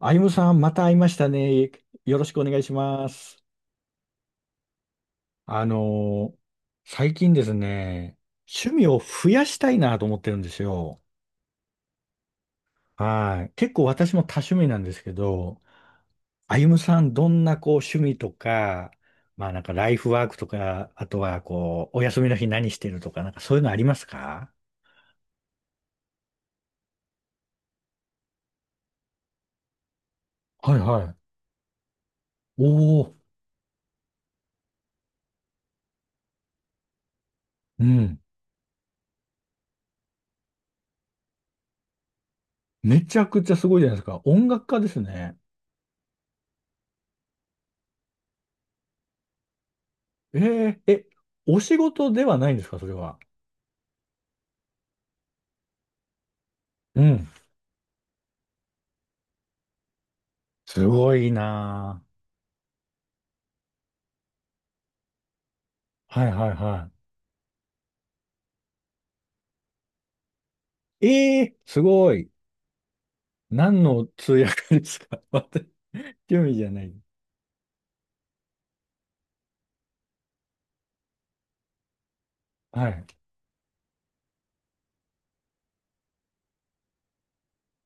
あゆむさん、また会いましたね。よろしくお願いします。あのー最近ですね、趣味を増やしたいなと思ってるんですよ。はい。結構私も多趣味なんですけど、あゆむさん、どんなこう趣味とか、まあなんかライフワークとか、あとはこう、お休みの日何してるとか、なんかそういうのありますか？はいはい。おお、うん。めちゃくちゃすごいじゃないですか。音楽家ですね。えー、え、お仕事ではないんですか、それは。うん。すごいなぁ。はいはいはい。ええーすごい。何の通訳ですか？ 私、興味じゃない。はい。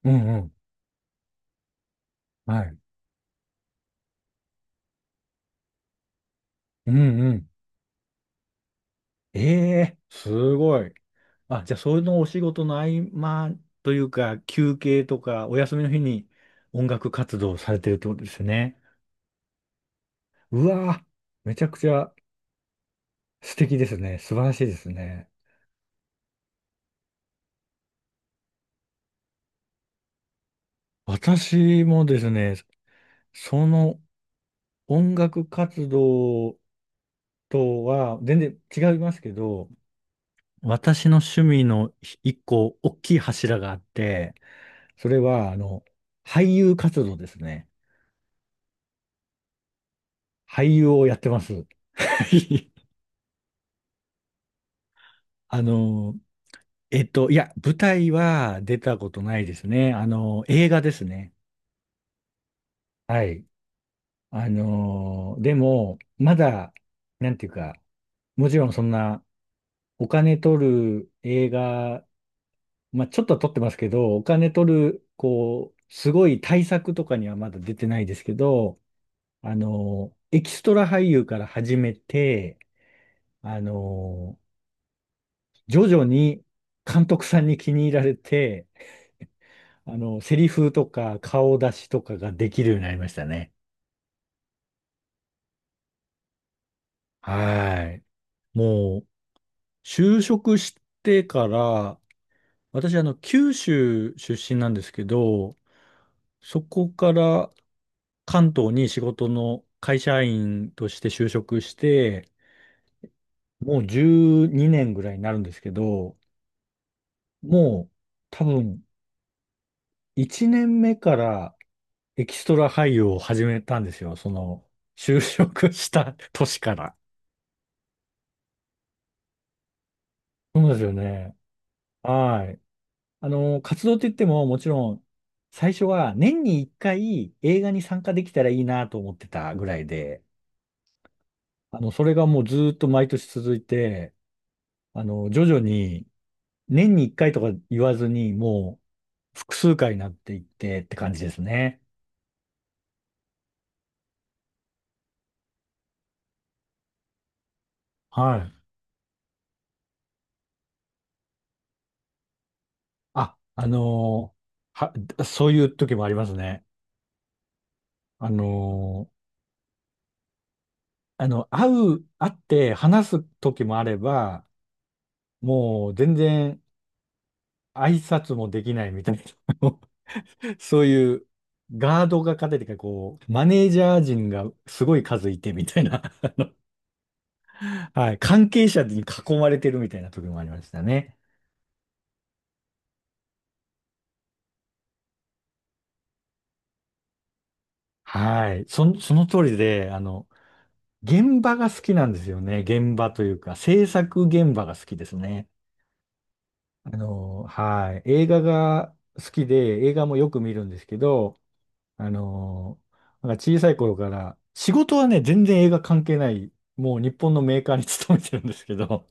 うんうん。はい。うんうん。ええーすごい。あ、じゃあ、そのお仕事の合間というか、休憩とか、お休みの日に音楽活動をされてるってことですね。うわぁ、めちゃくちゃ素敵ですね。素晴らしいですね。私もですね、その音楽活動とは、全然違いますけど、私の趣味の一個大きい柱があって、それは、俳優活動ですね。俳優をやってます。あの、いや、舞台は出たことないですね。映画ですね。はい。あの、でも、まだ、なんていうか、もちろんそんな、お金取る映画、まあ、ちょっとは取ってますけど、お金取る、こう、すごい対策とかにはまだ出てないですけど、エキストラ俳優から始めて、あの、徐々に監督さんに気に入られて、セリフとか顔出しとかができるようになりましたね。はい。もう、就職してから、私、九州出身なんですけど、そこから関東に仕事の会社員として就職して、もう12年ぐらいになるんですけど、もう多分1年目からエキストラ俳優を始めたんですよ。その、就職した年から。そうですよね。はい。あの、活動って言ってももちろん、最初は年に1回映画に参加できたらいいなと思ってたぐらいで、あの、それがもうずーっと毎年続いて、徐々に、年に一回とか言わずに、もう、複数回になっていってって感じですね。はい。あ、あのーは、そういう時もありますね。あのーあの、会う、会って話す時もあれば、もう全然挨拶もできないみたいな、そういうガードが勝ててか、こう、マネージャー陣がすごい数いてみたいな、はい、関係者に囲まれてるみたいな時もありましたね。はい。そ、その通りで、現場が好きなんですよね。現場というか、制作現場が好きですね。あの、はい。映画が好きで、映画もよく見るんですけど、あの、なんか小さい頃から、仕事はね、全然映画関係ない、もう日本のメーカーに勤めてるんですけど、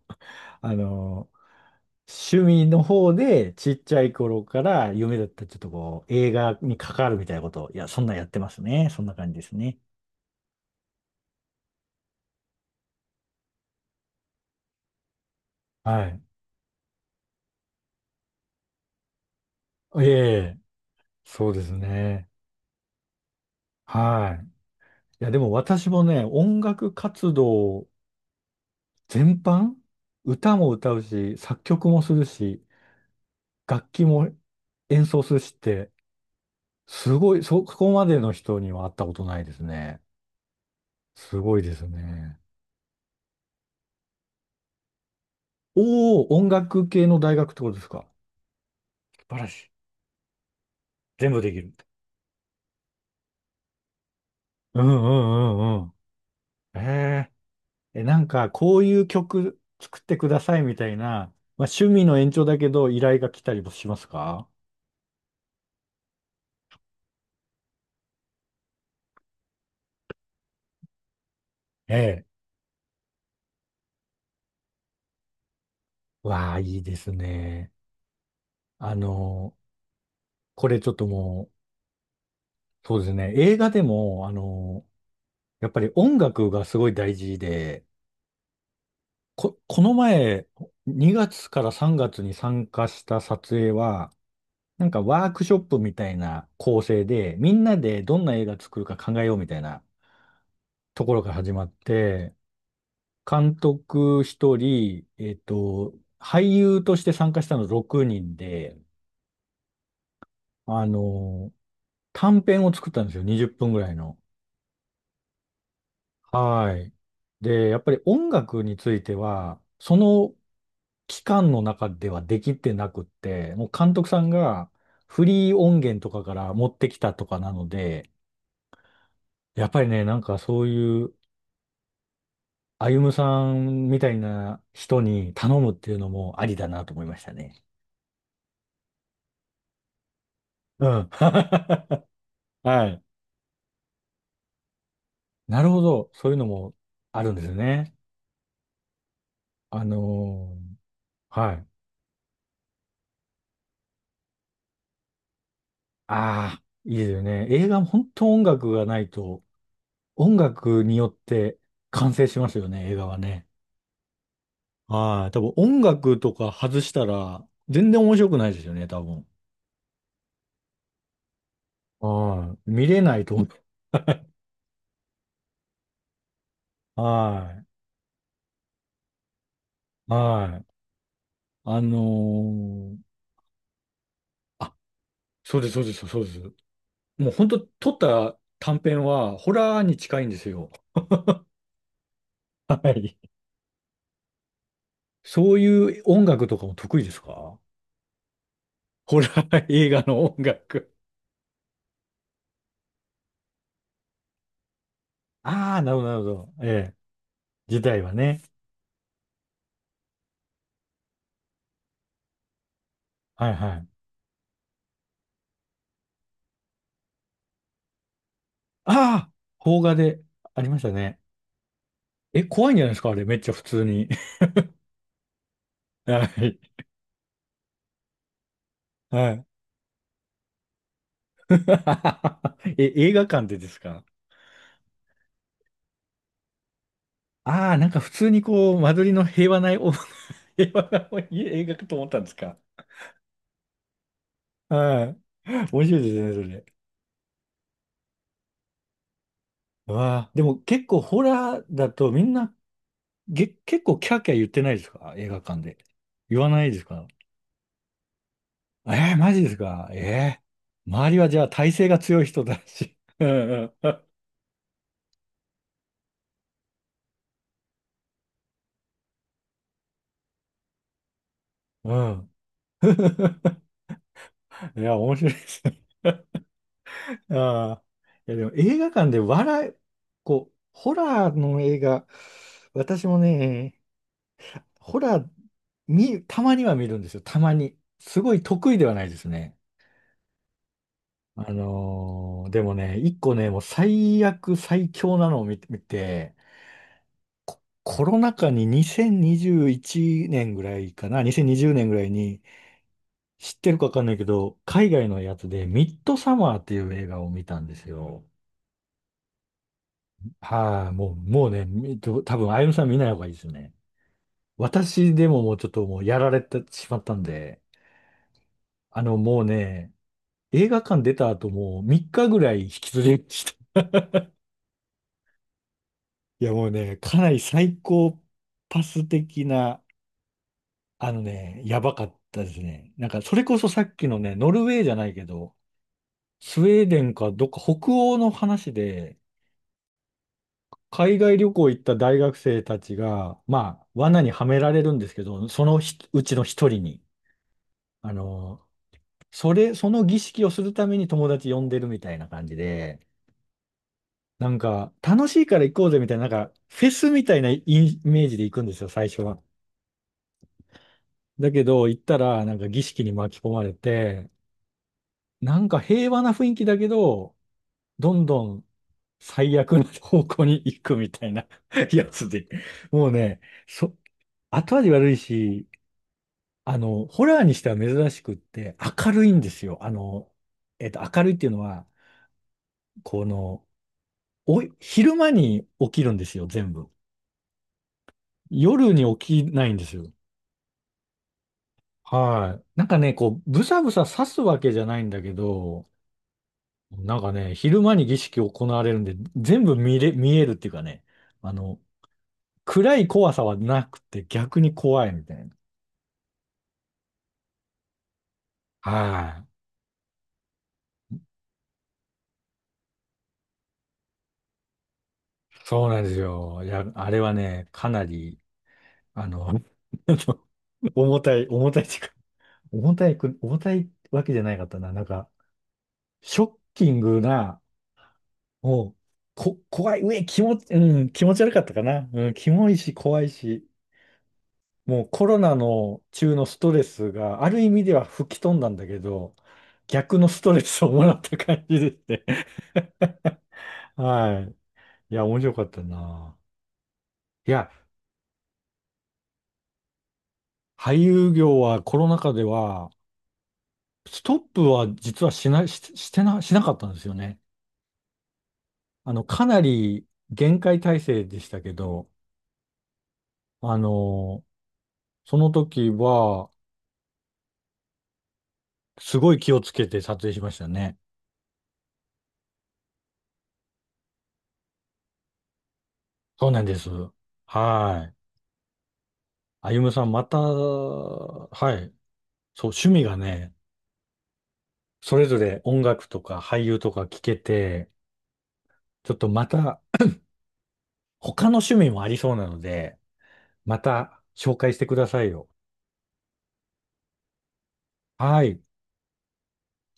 あの、趣味の方で、ちっちゃい頃から夢だった、ちょっとこう、映画に関わるみたいなことを、いや、そんなんやってますね。そんな感じですね。はい。ええ、そうですね。はい。いや、でも私もね、音楽活動全般、歌も歌うし、作曲もするし、楽器も演奏するしって、すごい、そこまでの人には会ったことないですね。すごいですね。おお、音楽系の大学ってことですか？素晴らしい。全部できる。うんうんうんうん。ええなんかこういう曲作ってくださいみたいな、まあ、趣味の延長だけど依頼が来たりもしますか？ええ。わあ、いいですね。あの、これちょっともう、そうですね。映画でも、あの、やっぱり音楽がすごい大事で、こ、この前、2月から3月に参加した撮影は、なんかワークショップみたいな構成で、みんなでどんな映画作るか考えようみたいなところから始まって、監督一人、俳優として参加したの6人で、あの、短編を作ったんですよ。20分ぐらいの。はい。で、やっぱり音楽については、その期間の中ではできてなくって、もう監督さんがフリー音源とかから持ってきたとかなので、やっぱりね、なんかそういう、歩夢さんみたいな人に頼むっていうのもありだなと思いましたね。うん。はい。なるほど。そういうのもあるんですね。あのはい。ああ、いいですよね。映画も本当音楽がないと、音楽によって完成しますよね、映画はね。はい。多分音楽とか外したら、全然面白くないですよね、多分。はい。見れないと思う。はい。はい。あのーあ、そうです、そうです、そうです。もう本当撮った短編は、ホラーに近いんですよ。はい。そういう音楽とかも得意ですか？ホラー映画の音楽。ああ、なるほど、なるほど。ええ、時代はね。はいはい。ああ、邦画でありましたね。え、怖いんじゃないですかあれ、めっちゃ普通に。はい。はい。え、映画館でですか？ああなんか普通にこう、間取りの平和なお 平和な映画かと思ったんですか？はい。面白いですね、それ。わあ、でも結構ホラーだとみんなげ、結構キャーキャー言ってないですか映画館で。言わないですか？えー、マジですか？えー、周りはじゃあ体勢が強い人だし。うんうん。うん。いや、面白いですね。ああ。いや、でも映画館で笑い、こう、ホラーの映画、私もね、ホラー、見、たまには見るんですよ。たまに。すごい得意ではないですね。あのーでもね、一個ね、もう最悪、最強なのを見て、見てコロナ禍に2021年ぐらいかな、2020年ぐらいに、知ってるかわかんないけど、海外のやつで、ミッドサマーっていう映画を見たんですよ。はい、もう、もうね、み多分、あゆむさん見ない方がいいですね。私でももうちょっともうやられてしまったんで、もうね、映画館出た後もう3日ぐらい引きずりました。いや、もうね、かなり最高パス的な、あのね、やばかったですね。なんか、それこそさっきのね、ノルウェーじゃないけど、スウェーデンかどっか北欧の話で、海外旅行行った大学生たちが、まあ、罠にはめられるんですけど、そのひうちの一人に、あの、それ、その儀式をするために友達呼んでるみたいな感じで、なんか、楽しいから行こうぜみたいな、なんか、フェスみたいなイメージで行くんですよ、最初は。だけど、行ったら、なんか儀式に巻き込まれて、なんか平和な雰囲気だけど、どんどん最悪な方向に行くみたいな やつで、もうね、そ後味悪いし、ホラーにしては珍しくって、明るいんですよ。明るいっていうのは、この、お、昼間に起きるんですよ、全部。夜に起きないんですよ。はい。なんかね、こう、ぶさぶさ刺すわけじゃないんだけど、なんかね、昼間に儀式を行われるんで、全部見れ、見えるっていうかね、あの、暗い怖さはなくて逆に怖いみたいな。はい。そうなんですよ。いや、あれはね、かなりあの 重たい、重たいっていうか、重たいく、重たいわけじゃないかったな。なんか、ショッキングな、もう、こ、怖い、うえ、気持ち、うん、気持ち悪かったかな。うん、キモいし、怖いし、もうコロナの中のストレスがある意味では吹き飛んだんだけど、逆のストレスをもらった感じですね。はい。いや、面白かったな。いや、俳優業はコロナ禍では、ストップは実はしない、し、してな、しなかったんですよね。かなり厳戒態勢でしたけど、あの、その時は、すごい気をつけて撮影しましたね。そうなんです。はい。あゆむさん、また、はい。そう、趣味がね、それぞれ音楽とか俳優とか聞けて、ちょっとまた、他の趣味もありそうなので、また紹介してくださいよ。はい。